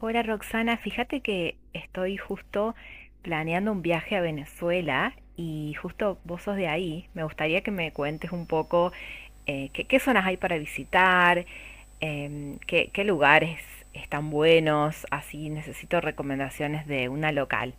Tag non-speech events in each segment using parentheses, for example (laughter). Hola Roxana, fíjate que estoy justo planeando un viaje a Venezuela y justo vos sos de ahí. Me gustaría que me cuentes un poco qué zonas hay para visitar, qué lugares están buenos, así necesito recomendaciones de una local.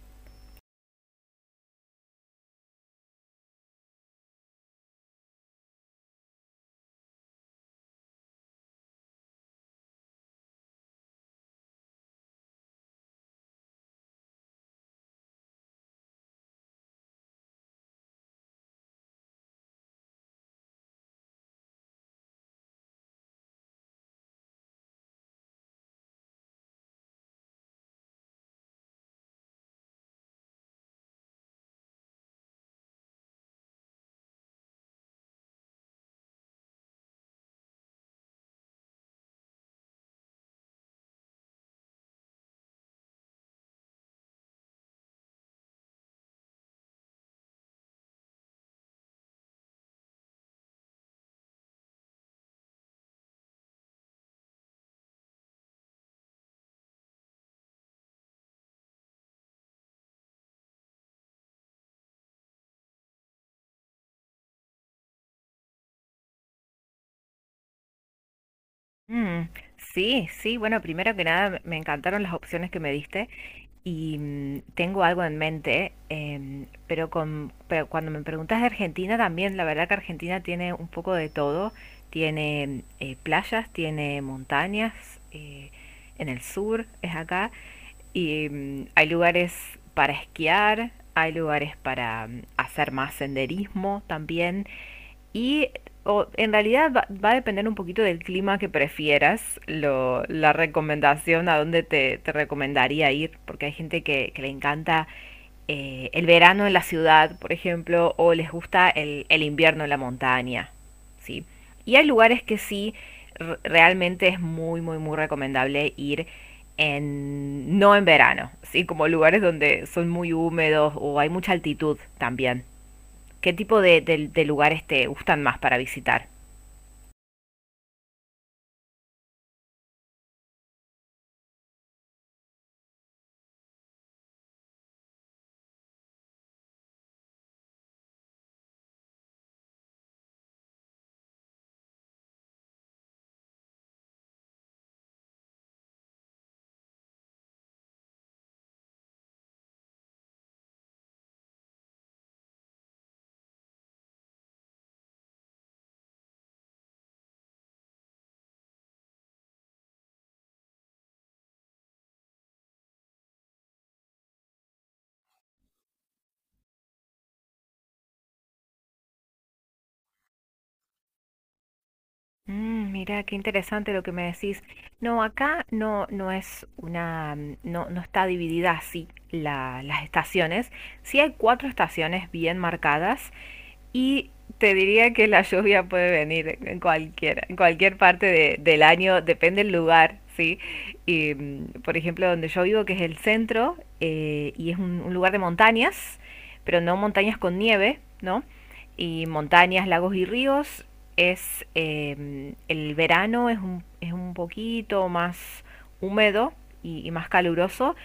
Mm, sí, sí, bueno, primero que nada me encantaron las opciones que me diste y tengo algo en mente, pero cuando me preguntas de Argentina también, la verdad que Argentina tiene un poco de todo, tiene playas, tiene montañas eh, en el sur, es acá, y hay lugares para esquiar, hay lugares para hacer más senderismo también, y en realidad va a depender un poquito del clima que prefieras, la recomendación a dónde te recomendaría ir, porque hay gente que le encanta el verano en la ciudad, por ejemplo, o les gusta el invierno en la montaña, ¿sí? Y hay lugares que sí, realmente es muy, muy, muy recomendable ir no en verano, ¿sí? Como lugares donde son muy húmedos o hay mucha altitud también. ¿Qué tipo de lugares te gustan más para visitar? Mm, mira, qué interesante lo que me decís. No, acá no es una, no está dividida así las estaciones. Sí hay cuatro estaciones bien marcadas y te diría que la lluvia puede venir en cualquier parte del año, depende del lugar, ¿sí? Y, mm, por ejemplo, donde yo vivo, que es el centro, y es un lugar de montañas, pero no montañas con nieve, ¿no? Y montañas, lagos y ríos es el verano es un poquito más húmedo y más caluroso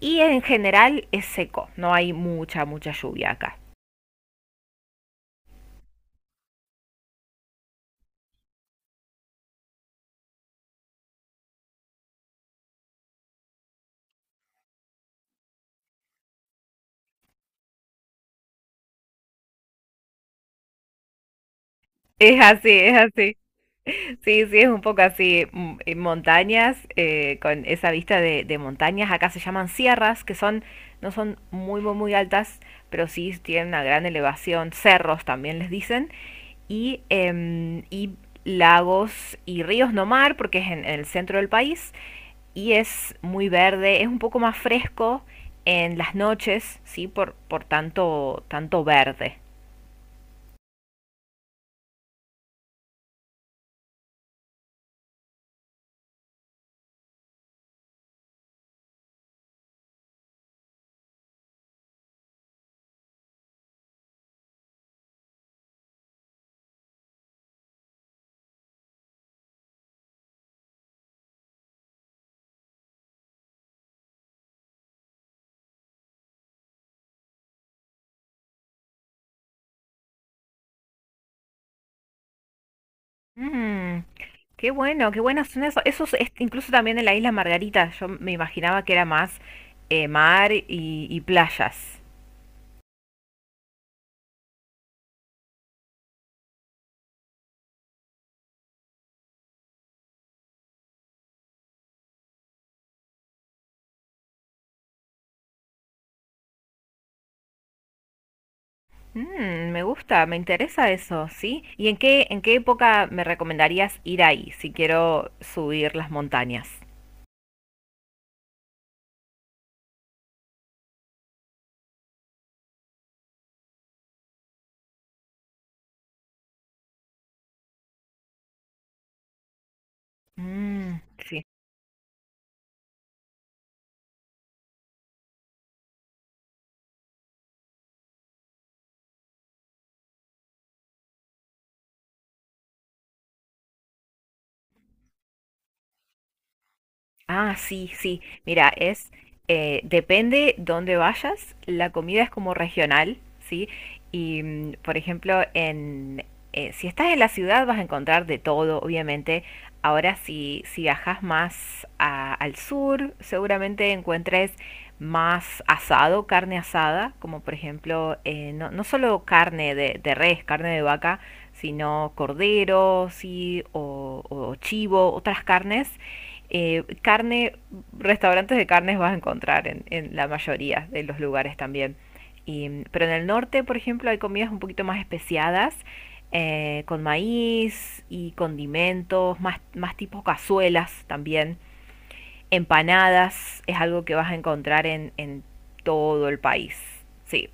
y en general es seco, no hay mucha, mucha lluvia acá. Es así, es así. Sí, sí, es un poco así, montañas, con esa vista de montañas, acá se llaman sierras, que son, no son muy, muy, muy altas, pero sí tienen una gran elevación, cerros también les dicen, y lagos y ríos, no mar, porque es en el centro del país, y es muy verde, es un poco más fresco en las noches, sí, por tanto, tanto verde. Mm, qué bueno, qué buenas son esos. Esos incluso también en la isla Margarita, yo me imaginaba que era más mar y playas. Mm, me gusta, me interesa eso, ¿sí? ¿Y en qué época me recomendarías ir ahí si quiero subir las montañas? Mm, sí. Ah, sí, sí. Mira, es depende dónde vayas, la comida es como regional, ¿sí? Y por ejemplo, en si estás en la ciudad vas a encontrar de todo, obviamente. Ahora si viajas más al sur, seguramente encuentres más asado, carne asada, como por ejemplo, no, no solo carne de res, carne de vaca, sino cordero, sí, o chivo, otras carnes eh, carne, restaurantes de carnes vas a encontrar en la mayoría de los lugares también. Pero en el norte, por ejemplo, hay comidas un poquito más especiadas, con maíz y condimentos, más, más tipo cazuelas también. Empanadas es algo que vas a encontrar en todo el país. Sí.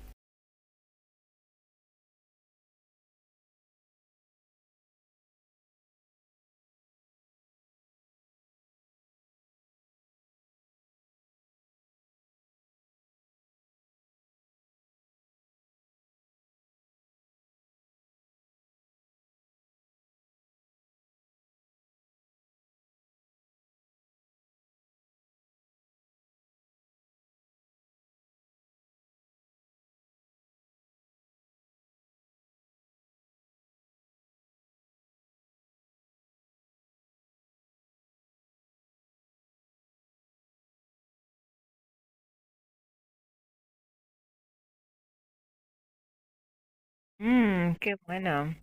Mm, qué bueno.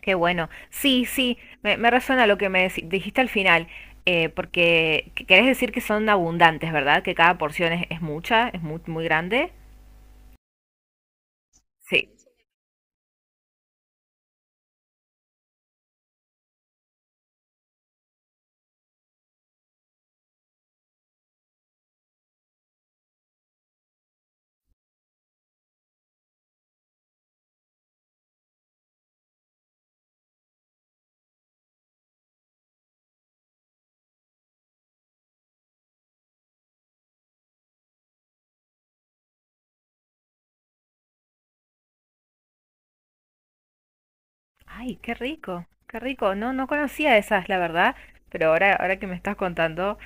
Qué bueno. Sí, sí, me resuena lo que me dijiste al final, porque querés decir que son abundantes, ¿verdad? Que cada porción es mucha, es muy, muy grande. Sí. Ay, qué rico, qué rico. No, no conocía esas, la verdad, pero ahora, ahora que me estás contando,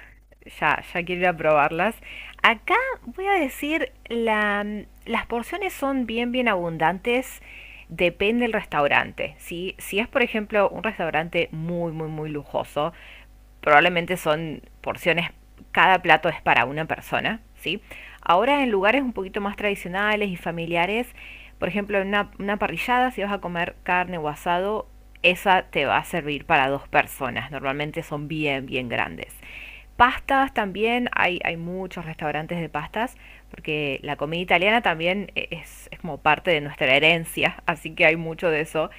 ya, ya quiero ir a probarlas. Acá voy a decir, las porciones son bien, bien abundantes. Depende del restaurante, ¿sí? Si es, por ejemplo, un restaurante muy, muy, muy lujoso, probablemente son porciones, cada plato es para una persona, ¿sí? Ahora en lugares un poquito más tradicionales y familiares, por ejemplo, en una parrillada, si vas a comer carne o asado, esa te va a servir para dos personas. Normalmente son bien, bien grandes. Pastas también, hay muchos restaurantes de pastas, porque la comida italiana también es como parte de nuestra herencia, (laughs) así que hay mucho de eso.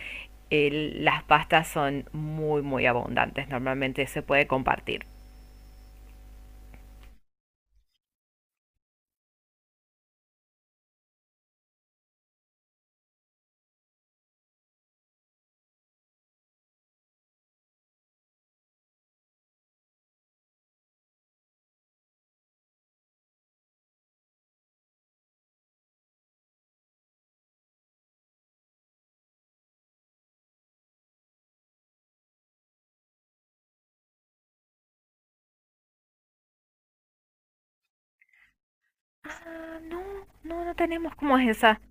Las pastas son muy, muy abundantes, normalmente se puede compartir. Ah, no, no, no tenemos. ¿Cómo es esa?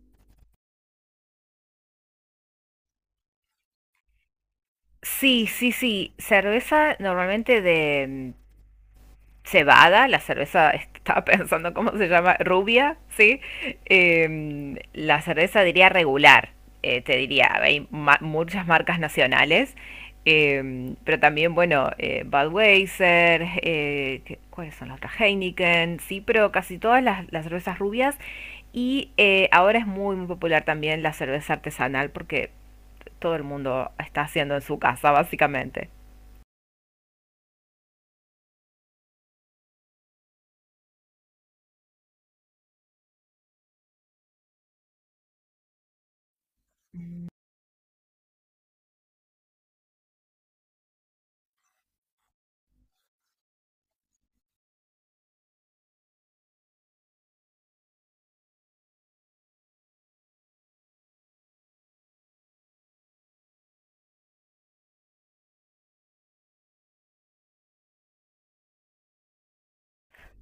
Sí, sí, sí. Cerveza normalmente de cebada, la cerveza, (laughs) estaba pensando cómo se llama, rubia, ¿sí? La cerveza diría regular, te diría, hay muchas marcas nacionales, pero también, bueno, Budweiser, ¿cuáles son las otras? Heineken, sí, pero casi todas las cervezas rubias. Y ahora es muy, muy popular también la cerveza artesanal porque todo el mundo está haciendo en su casa, básicamente.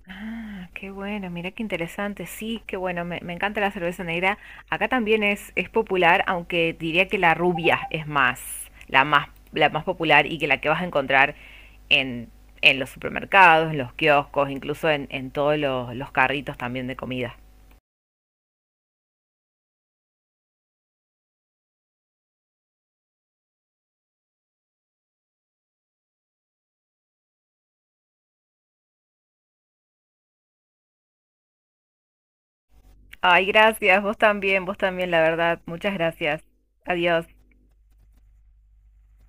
Ah, qué bueno, mira qué interesante. Sí, qué bueno, me encanta la cerveza negra. Acá también es popular, aunque diría que la rubia es más, la más, la más popular y que la que vas a encontrar en, en los supermercados, en los kioscos, incluso en todos los carritos también de comida. Ay, gracias, vos también, la verdad. Muchas gracias. Adiós.